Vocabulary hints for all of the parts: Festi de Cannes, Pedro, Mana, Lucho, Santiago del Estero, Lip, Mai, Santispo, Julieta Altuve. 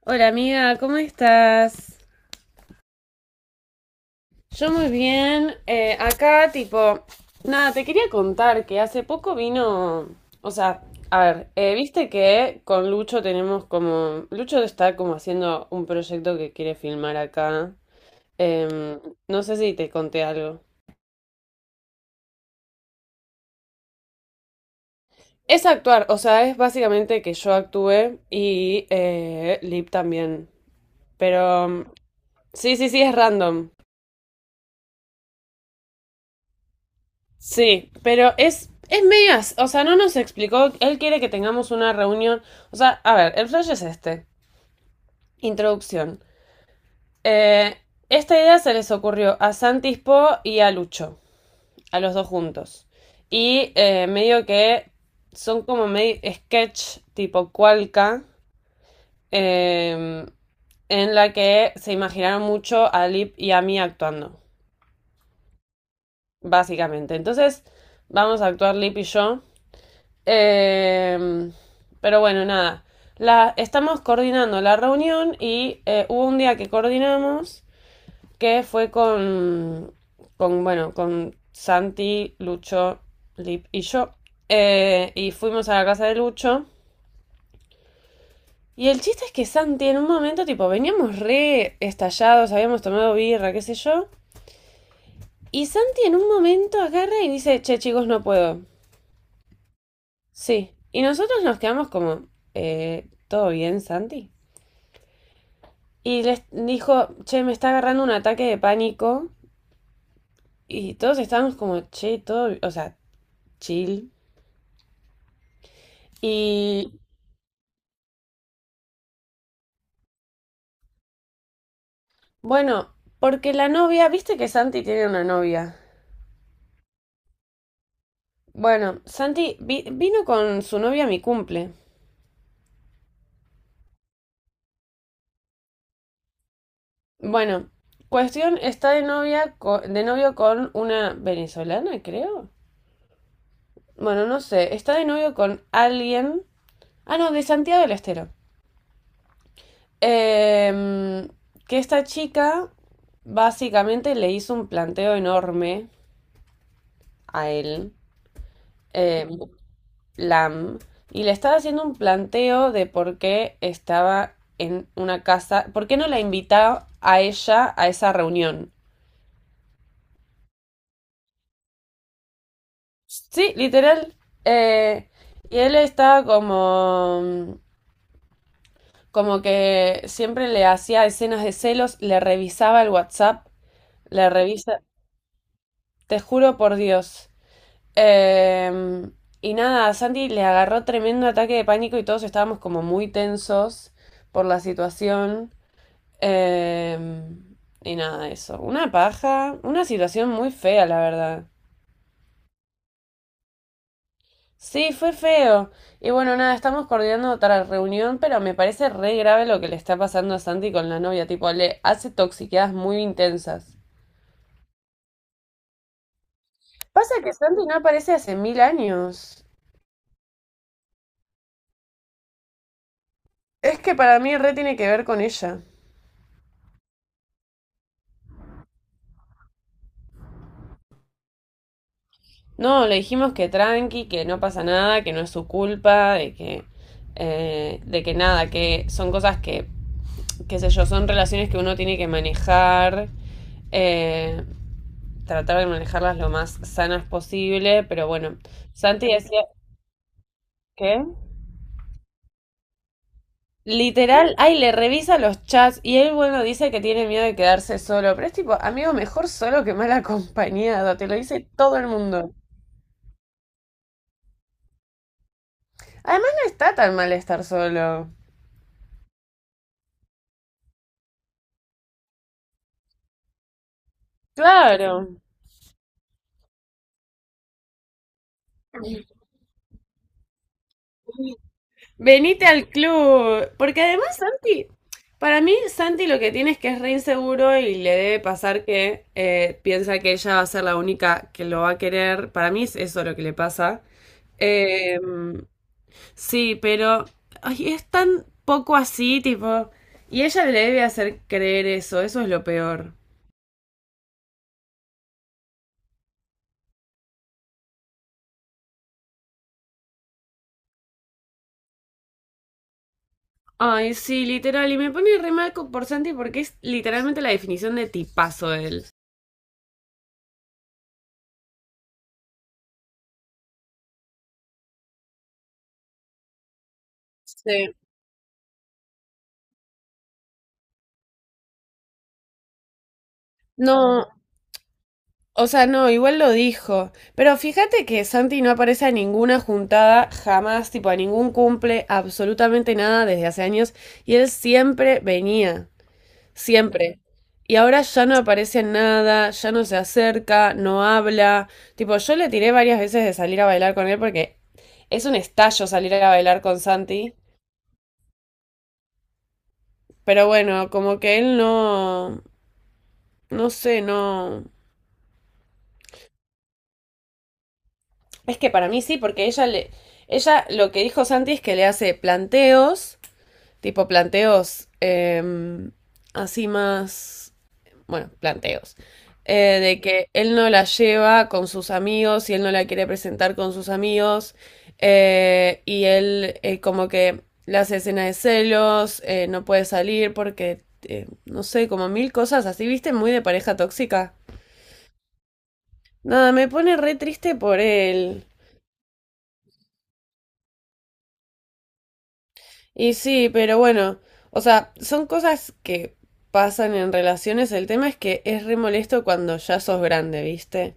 Hola amiga, ¿cómo estás? Yo muy bien. Acá, tipo, nada, te quería contar que hace poco vino, o sea, a ver, viste que con Lucho tenemos como, Lucho está como haciendo un proyecto que quiere filmar acá. Em, no sé si te conté algo. Es actuar, o sea, es básicamente que yo actúe y Lip también. Pero sí, sí, sí, es random. Sí, pero es medio, o sea, no nos explicó, él quiere que tengamos una reunión, o sea, a ver, el flash es este, introducción. Eh, esta idea se les ocurrió a Santispo y a Lucho, a los dos juntos. Y medio que son como medio sketch tipo Cualca, eh, en la que se imaginaron mucho a Lip y a mí actuando, básicamente. Entonces, vamos a actuar Lip y yo. Eh, pero bueno, nada. Estamos coordinando la reunión y hubo un día que coordinamos que fue con bueno, con Santi, Lucho, Lip y yo. Y fuimos a la casa de Lucho. Y el chiste es que Santi en un momento, tipo, veníamos re estallados, habíamos tomado birra, qué sé yo. Y Santi en un momento agarra y dice, che chicos, no puedo. Sí. Y nosotros nos quedamos como, ¿todo bien, Santi? Y les dijo, che, me está agarrando un ataque de pánico. Y todos estábamos como, che, todo, o sea, chill. Y bueno, porque la novia, viste que Santi tiene una novia. Bueno, vino con su novia a mi cumple. Bueno, cuestión está de novia co- de novio con una venezolana, creo. Bueno, no sé, está de novio con alguien. Ah, no, de Santiago del Estero. Em, que esta chica básicamente le hizo un planteo enorme a él, em, Lam, y le estaba haciendo un planteo de por qué estaba en una casa, por qué no la invitaba a ella a esa reunión. Sí, literal. Eh, y él estaba como, como que siempre le hacía escenas de celos, le revisaba el WhatsApp, le revisa, te juro por Dios. Eh, y nada, a Santi le agarró tremendo ataque de pánico y todos estábamos como muy tensos por la situación. Eh, y nada, eso. Una paja, una situación muy fea, la verdad. Sí, fue feo. Y bueno, nada, estamos coordinando otra reunión, pero me parece re grave lo que le está pasando a Santi con la novia. Tipo, le hace toxiqueadas muy intensas. Pasa que Santi no aparece hace mil años. Es que para mí re tiene que ver con ella. No, le dijimos que tranqui, que no pasa nada, que no es su culpa, de que nada, que son cosas que, qué sé yo, son relaciones que uno tiene que manejar, eh, tratar de manejarlas lo más sanas posible, pero bueno, Santi decía que... Literal, ay, le revisa los chats y él, bueno, dice que tiene miedo de quedarse solo, pero es tipo, amigo, mejor solo que mal acompañado, te lo dice todo el mundo. Además, no está tan mal estar solo. Claro. Venite al club. Porque además Santi, para mí Santi lo que tiene es que es re inseguro y le debe pasar que piensa que ella va a ser la única que lo va a querer. Para mí es eso lo que le pasa. Eh, sí, pero ay, es tan poco así, tipo. Y ella le debe hacer creer eso, eso es lo peor. Ay, sí, literal. Y me pone por Santi porque es literalmente la definición de tipazo él. Sí. No, o sea, no, igual lo dijo. Pero fíjate que Santi no aparece a ninguna juntada jamás, tipo a ningún cumple, absolutamente nada desde hace años. Y él siempre venía, siempre. Y ahora ya no aparece en nada, ya no se acerca, no habla. Tipo, yo le tiré varias veces de salir a bailar con él porque es un estallo salir a bailar con Santi. Pero bueno, como que él no, no sé, no. Es que para mí sí, porque ella le. Ella lo que dijo Santi es que le hace planteos, tipo planteos así más. Bueno, planteos. Eh, de que él no la lleva con sus amigos y él no la quiere presentar con sus amigos. Y él como que le hace escena de celos, no puede salir porque, no sé, como mil cosas así, ¿viste? Muy de pareja tóxica. Nada, me pone re triste por él. Y sí, pero bueno, o sea, son cosas que pasan en relaciones. El tema es que es re molesto cuando ya sos grande, ¿viste?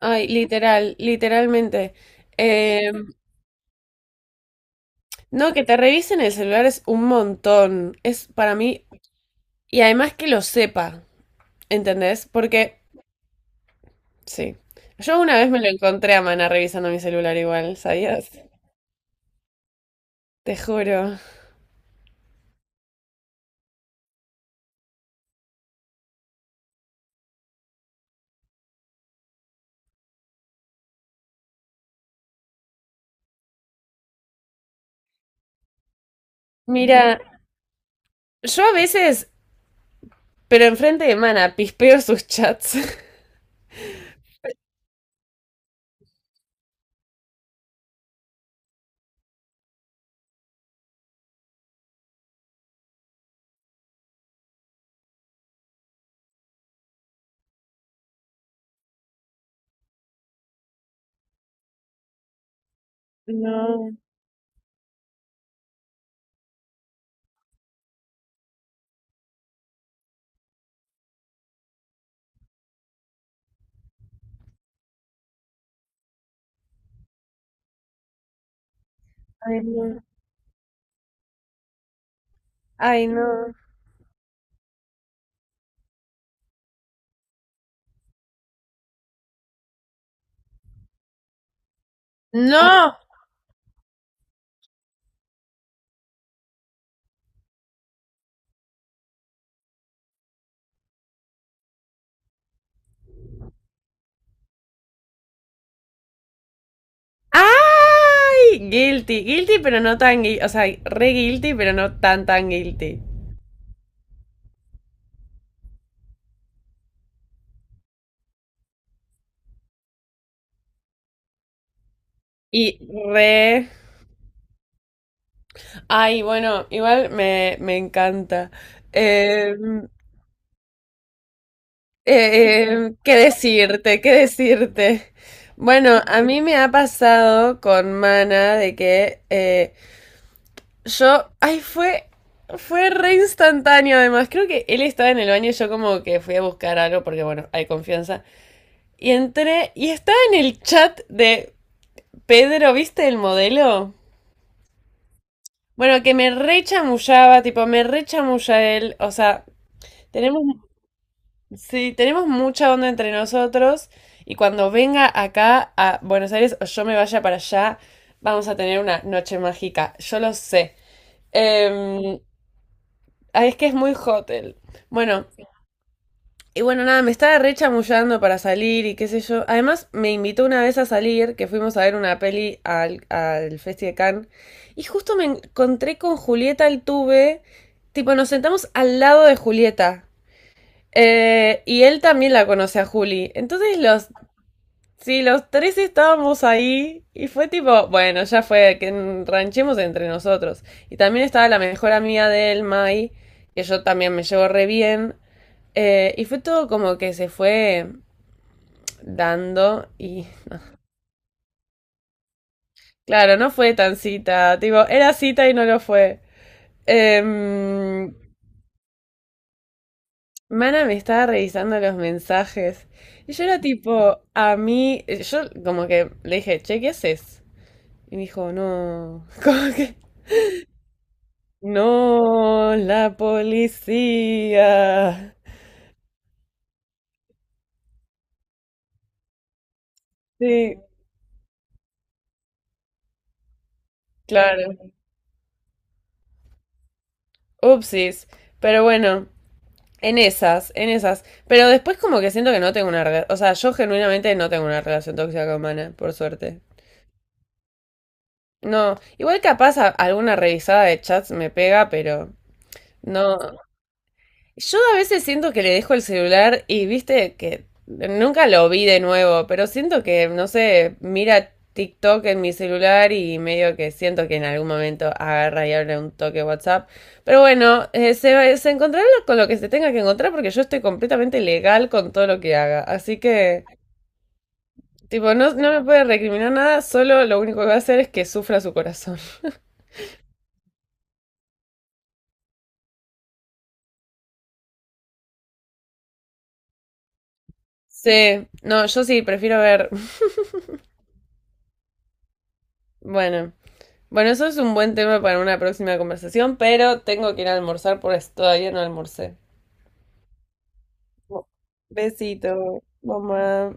Ay, literal, literalmente. Eh, no, que te revisen el celular es un montón. Es para mí. Y además que lo sepa, ¿entendés? Porque, sí. Yo una vez me lo encontré a Mana revisando mi celular igual, ¿sabías? Te juro. Mira, yo a veces, pero enfrente de Mana, pispeo sus chats. No. Ay, no. Ay, no. ¡No! ¡Ay! Guilty, guilty, pero no tan guilty. O sea, re guilty, pero no tan tan guilty. Y re. Ay, bueno, igual me, me encanta. Eh, ¿Qué decirte? ¿Qué decirte? Bueno, a mí me ha pasado con Mana de que yo. Ay, fue. Fue re instantáneo, además. Creo que él estaba en el baño y yo como que fui a buscar algo porque, bueno, hay confianza. Y entré y estaba en el chat de Pedro, ¿viste el modelo? Bueno, que me rechamullaba, tipo, me rechamulla él. O sea, tenemos, sí, tenemos mucha onda entre nosotros. Y cuando venga acá a Buenos Aires o yo me vaya para allá, vamos a tener una noche mágica. Yo lo sé. Em, ah, es que es muy hotel. Bueno, y bueno, nada, me estaba re chamullando para salir y qué sé yo. Además, me invitó una vez a salir, que fuimos a ver una peli al, al Festi de Cannes. Y justo me encontré con Julieta Altuve. Tipo, nos sentamos al lado de Julieta. Y él también la conoce a Juli. Entonces los, sí, los tres estábamos ahí y fue tipo, bueno, ya fue, que ranchemos entre nosotros. Y también estaba la mejor amiga de él, Mai, que yo también me llevo re bien. Y fue todo como que se fue dando y claro, no fue tan cita, tipo, era cita y no lo fue. Em, Mana me estaba revisando los mensajes y yo era tipo, a mí, yo como que le dije, che, ¿qué haces? Y me dijo, no, como que, no, la policía. Sí, claro, upsis, pero bueno. En esas, en esas. Pero después como que siento que no tengo una relación. O sea, yo genuinamente no tengo una relación tóxica con Mana, por suerte. No. Igual capaz alguna revisada de chats me pega, pero no. Yo a veces siento que le dejo el celular y viste que nunca lo vi de nuevo, pero siento que, no sé, mira TikTok en mi celular y medio que siento que en algún momento agarra y abre un toque WhatsApp. Pero bueno, se, se encontrará con lo que se tenga que encontrar porque yo estoy completamente legal con todo lo que haga. Así que, tipo, no, no me puede recriminar nada, solo lo único que va a hacer es que sufra su corazón. Sí, no, yo sí, prefiero ver. Bueno. Bueno, eso es un buen tema para una próxima conversación, pero tengo que ir a almorzar porque todavía no almorcé. Besito, mamá.